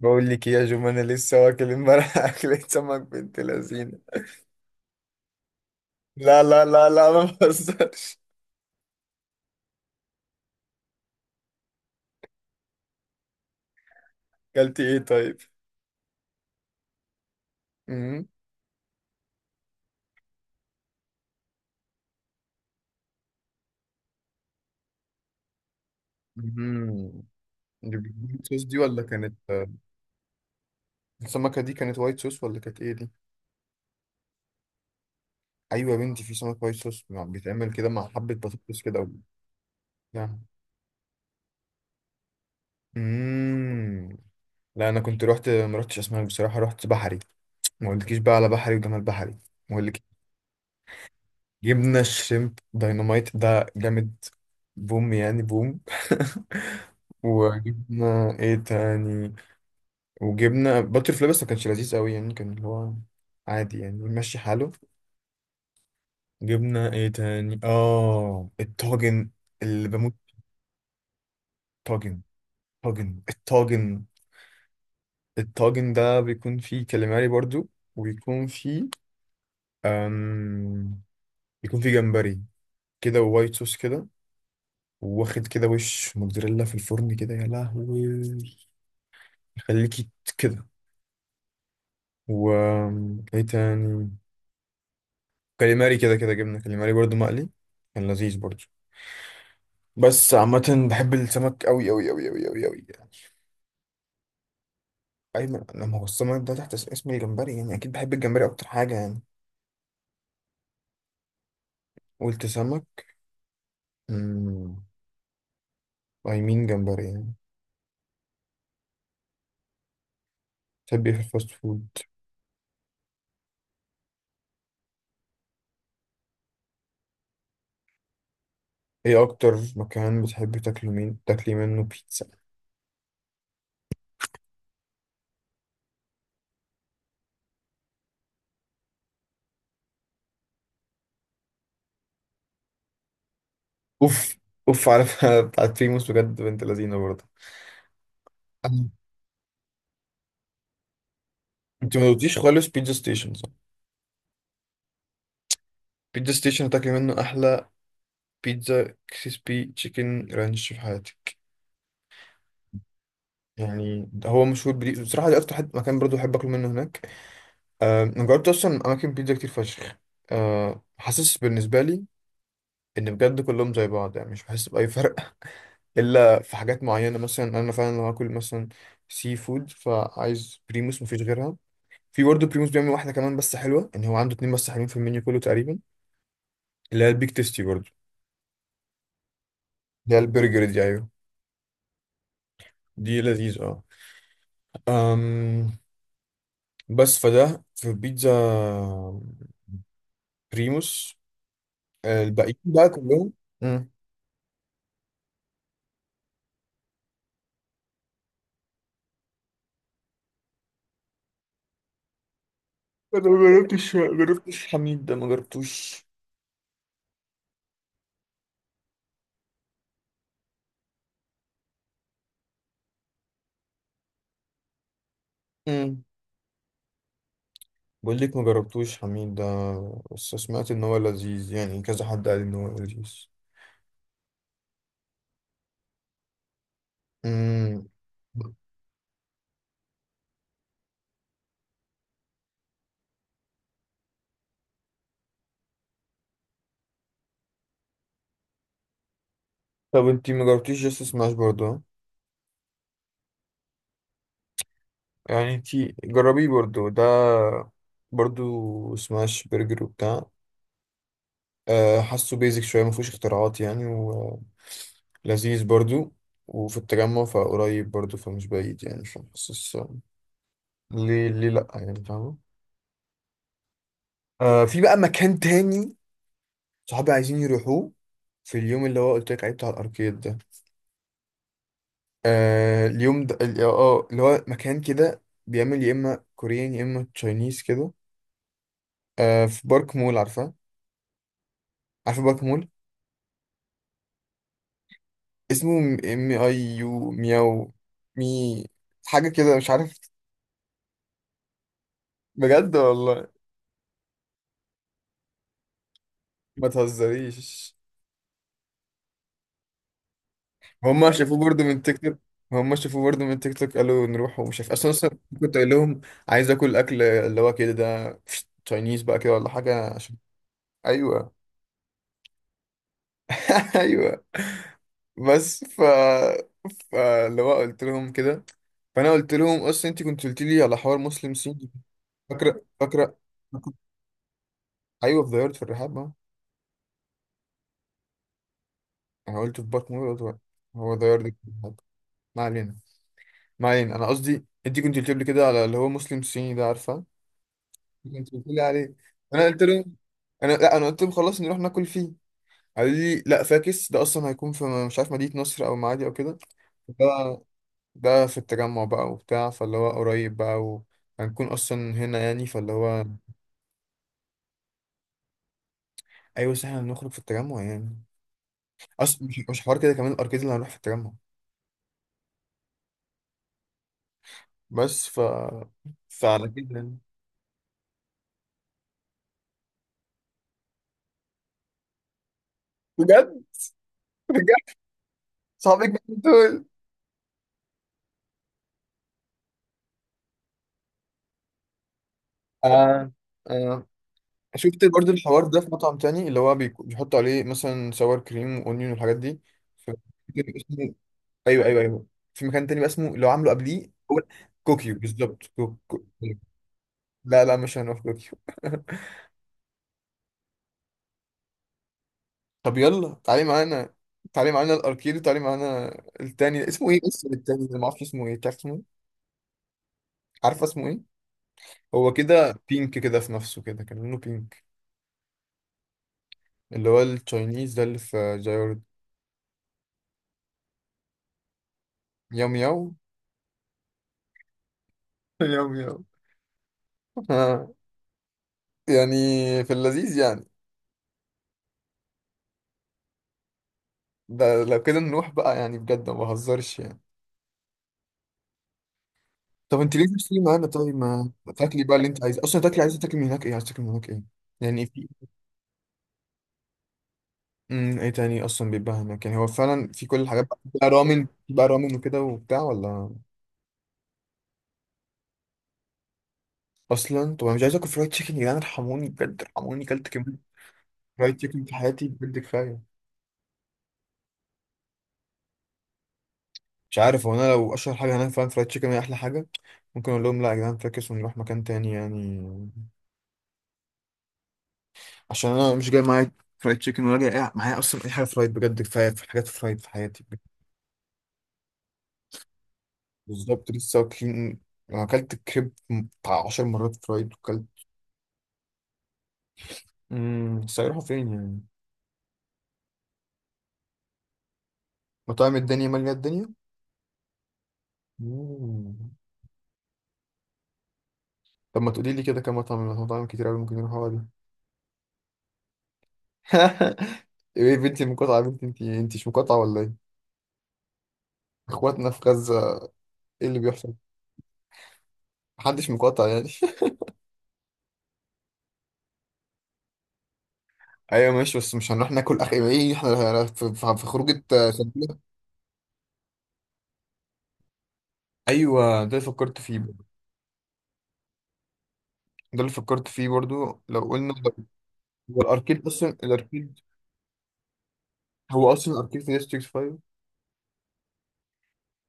بقول لك إيه يا جم، انا لسه واكل امبارح اكلة سمك بنت لذينه. لا لا لا لا، ما بهزرش. اكلت ايه طيب؟ امم امم دي بالوايت صوص دي ولا كانت السمكه دي كانت وايت صوص ولا كانت ايه دي؟ ايوه يا بنتي، في سمك وايت صوص بيتعمل كده مع حبه بطاطس كده او يعني. امم لا، انا كنت رحت، ما رحتش اسماك بصراحه، رحت بحري. ما قلتلكيش بقى على بحري وجمال بحري؟ ما قلتلك. جبنا شريمب دايناميت ده جامد، بوم يعني بوم. وجبنا ايه تاني؟ وجبنا باتر فلاي بس ما كانش لذيذ قوي يعني، كان اللي هو عادي يعني، ماشي حاله. جبنا ايه تاني؟ اه الطاجن اللي بموت. طاجن طاجن الطاجن. الطاجن ده بيكون فيه كاليماري برضو، وبيكون فيه أم... بيكون فيه جمبري كده، ووايت صوص كده، واخد كده وش موتزاريلا في الفرن كده، يا لهوي، يخليكي كده. و ايه تاني؟ كاليماري كده كده، جبنه كاليماري برضو مقلي، كان لذيذ برضو. بس عامة بحب السمك أوي أوي أوي أوي أوي أوي يعني. أيمن لما هو السمك ده تحت اسم الجمبري، يعني أكيد بحب الجمبري أكتر حاجة يعني. قلت سمك. أمم أي مين جمبري يعني. تحب إيه في الفاست فود؟ إيه أكتر مكان بتحبي تاكلي، مين تاكلي منه بيتزا؟ أوف، أوف على بتاعت بريموس، بجد بنت لذينة برضه. أم. أنت ما قلتيش خالص بيتزا ستيشن، صح؟ بيتزا ستيشن هتاكلي منه أحلى بيتزا، كريسبي تشيكن رانش في حياتك. يعني هو مشهور بدي بصراحة، دي أكتر حد مكان برضو بحب آكل منه هناك. أنا جربت أصلا أماكن بيتزا كتير فشخ، حاسس بالنسبة لي إن بجد كلهم زي بعض يعني، مش بحس بأي فرق. إلا في حاجات معينة، مثلا أنا فعلا لو هاكل مثلا سي فود، فعايز بريموس مفيش غيرها. في برضه بريموس بيعمل واحدة كمان بس حلوة، إن هو عنده اتنين بس حلوين في المنيو كله تقريبا، اللي هي البيك تيستي برضه. اللي هي البرجر دي، أيوه. دي لذيذة. أه أم، بس فده في بيتزا بريموس، الباقيين بقى كلهم. مم. انا ما جربتش، ما جربتش حميد ده، ما جربتوش. مم. بقول لك ما جربتوش حميد ده، بس سمعت ان هو لذيذ يعني، كذا حد قال ان هو لذيذ. امم طب انتي ما جربتيش جاست سماش برضه، ها؟ يعني انتي جربيه برضه ده، برضه سماش برجر وبتاع. أه حاسه بيزك شويه، ما فيهوش اختراعات يعني، ولذيذ برضه، وفي التجمع فقريب برضه، فمش بعيد يعني، فحاسس ليه ليه لأ يعني، فاهمة؟ آه في بقى مكان تاني، صحابي عايزين يروحوه، في اليوم اللي هو قلت لك عليه بتاع الأركيد ده. آه اليوم ده ال- اه آه، اللي هو مكان كده بيعمل يا إما كوريان يا إما تشاينيز كده. آه في بارك مول، عارفة؟ عارفة بارك مول؟ اسمه ام اي يو مياو مي، حاجة كده مش عارف. بجد والله. ما تهزريش. هم شافوه برضه من تيك توك؟ هم شافوه برضه من تيك توك، قالوا نروح ومش عارف اصلا اصلا. كنت قايل لهم عايز اكل اكل اللي هو كده ده، تشاينيز بقى كده ولا حاجه عشان. ايوه. ايوه. بس ف فاللي هو قلت لهم كده، فانا قلت لهم اصلا انت كنت قلت لي على حوار مسلم صيني. فاكره فاكره. ايوه في دايرة في الرحاب اه. انا قلت في بارك مول، قلت بقى، هو دايرة دي في الرحاب. ما علينا، ما علينا، انا قصدي انت كنت قلت لي كده على اللي هو مسلم صيني ده، عارفه؟ انت بتقولي عليه. انا قلت له، انا لا انا قلت لهم خلاص نروح ناكل فيه. قالوا لي لا فاكس، ده اصلا هيكون في مش عارف مدينة نصر او معادي او كده. ده ده في التجمع بقى وبتاع، فاللي هو قريب بقى، وهنكون اصلا هنا يعني، فاللي هو ايوه، بس احنا هنخرج في التجمع يعني. اصلا مش حوار كده كمان الاركيد اللي هنروح في التجمع. بس ف فعلى كده يعني. بجد. بجد. صحابك دول. آه. آه. شفت برضه الحوار ده في مطعم تاني، اللي هو بيحطوا عليه مثلا سوار كريم واونيون والحاجات دي. في مكان اسمه، ايوه ايوه ايوه، في مكان تاني بقى اسمه، اللي هو عامله قبليه هو كوكيو بالظبط، لا لا مش هنروح كوكيو. طب يلا تعالي معانا، تعالي معانا الاركيد وتعالي معانا التاني. اسمه ايه؟ اسمه التاني ده ما اعرفش اسمه ايه، تعرف اسمه إيه؟ عارفه اسمه ايه؟ هو كده بينك كده في نفسه كده، كان لونه بينك. اللي هو التشاينيز ده اللي في جايورد. ياو مياو. ياو مياو يعني. في اللذيذ يعني. ده لو كده نروح بقى يعني، بجد ما بهزرش يعني. طب انت ليه بتشتري معانا؟ طيب ما تاكلي بقى اللي انت عايزه اصلا تاكلي، عايزه تاكلي من هناك ايه؟ عايزه تاكلي من هناك ايه؟ يعني في، ايه تاني اصلا بيبقى هناك يعني؟ هو فعلا في كل الحاجات بقى، في بقى رامن، في بقى رامن وكده وبتاع ولا. اصلا طب انا مش عايز اكل فرايد تشيكن يا جدعان، ارحموني بجد، ارحموني، كلت كميه فرايد تشيكن في حياتي بجد، كفايه. مش عارف، هو انا لو اشهر حاجه هناك فعلا فرايد تشيكن هي احلى حاجه، ممكن اقول لهم لا يا جدعان فاكس ونروح مكان تاني يعني، عشان انا مش جاي معايا فرايد تشيكن، ولا جاي معايا اصلا اي حاجه فرايد، بجد كفايه في حاجات فرايد في حياتي. بالظبط، لسه واكلين، انا اكلت الكريب بتاع 10 مرات فرايد وكلت. بس هيروحوا فين يعني؟ مطاعم الدنيا ماليه الدنيا. مم. طب ما تقولي لي كده كم مطعم؟ مطاعم كتير قوي ممكن يروحوا دي؟ ايه بنتي مقاطعه يا بنتي؟ انت انت مش مقاطعه ولا ايه؟ اخواتنا في غزه، ايه اللي بيحصل؟ محدش مقاطع يعني. ايوه ماشي، بس مش هنروح ناكل، اخ ايه احنا في في خروجه. ايوه ده اللي فكرت فيه برضه. ده اللي فكرت فيه برضو لو قلنا. هو الاركيد اصلا الاركيد، هو اصلا الاركيد في ديستريكت 5.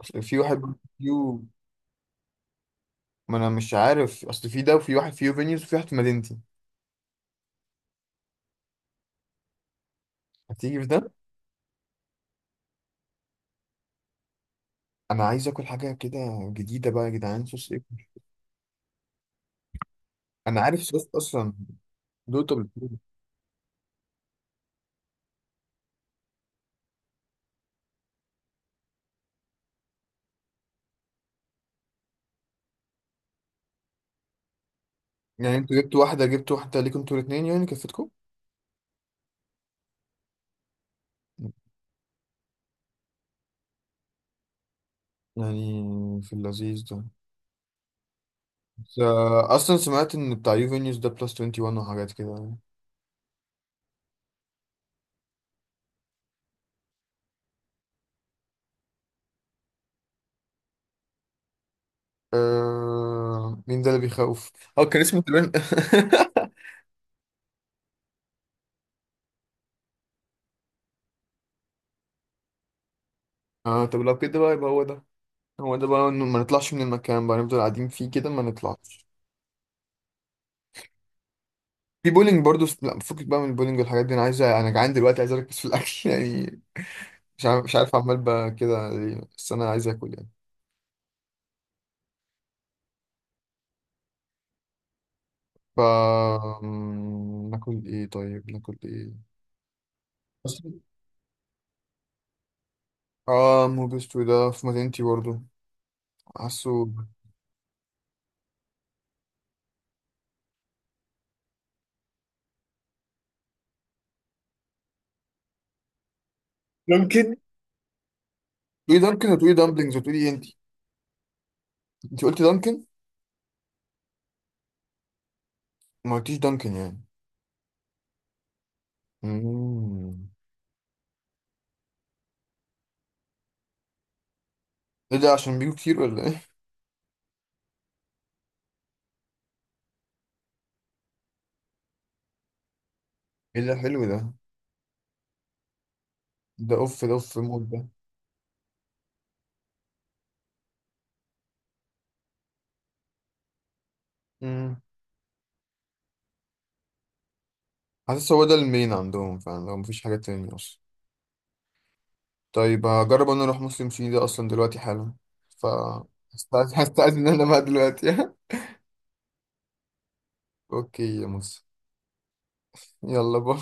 أصل في واحد فيو، ما انا مش عارف، اصل في ده وفي واحد فيو فينيوز وفي واحد في مدينتي. هتيجي في ده. انا عايز اكل حاجه كده جديده بقى يا جدعان، صوص ايه؟ انا عارف صوص اصلا، دوتو بالفول. يعني انتوا جبتوا واحده؟ جبتوا واحده ليكوا انتوا الاثنين يعني؟ كفتكم يعني؟ في اللذيذ ده. بس، آه، اصلا سمعت ان بتاع يوفينيوس ده بلس 21 وحاجات كده. مين ده اللي بيخوف؟ اه كان اسمه تقريبا. اه طب لو كده بقى يبقى هو ده، هو ده بقى، إنه ما نطلعش من المكان بقى، نفضل قاعدين فيه كده ما نطلعش. في بولينج برضو، لا فكك بقى من البولينج والحاجات دي، انا عايز، انا جعان دلوقتي، عايز اركز في الاكل. يعني مش عارف، مش عارف عمال بقى كده ليه، بس انا عايز اكل يعني. ف ناكل ايه طيب؟ ناكل ايه؟ بس اه موبيستو ده في مدينتي برضو، حاسه. ممكن تقولي دانكن وتقولي دامبلينجز وتقولي ايه انت؟ انت قلتي دانكن، ما قلتيش دانكن يعني. مم. ايه ده عشان بيجوا كتير ولا ايه؟ ايه ده حلو ده. ده اوف ده، اوف مود ده. مم. حاسس هو ده المين عندهم فعلا، لو مفيش حاجة تاني اصلا. طيب هجرب انا اروح مسلم سي ده اصلا دلوقتي حالا. ف هستأذن، هستأذن انا بقى دلوقتي. اوكي يا مصر، يلا باي.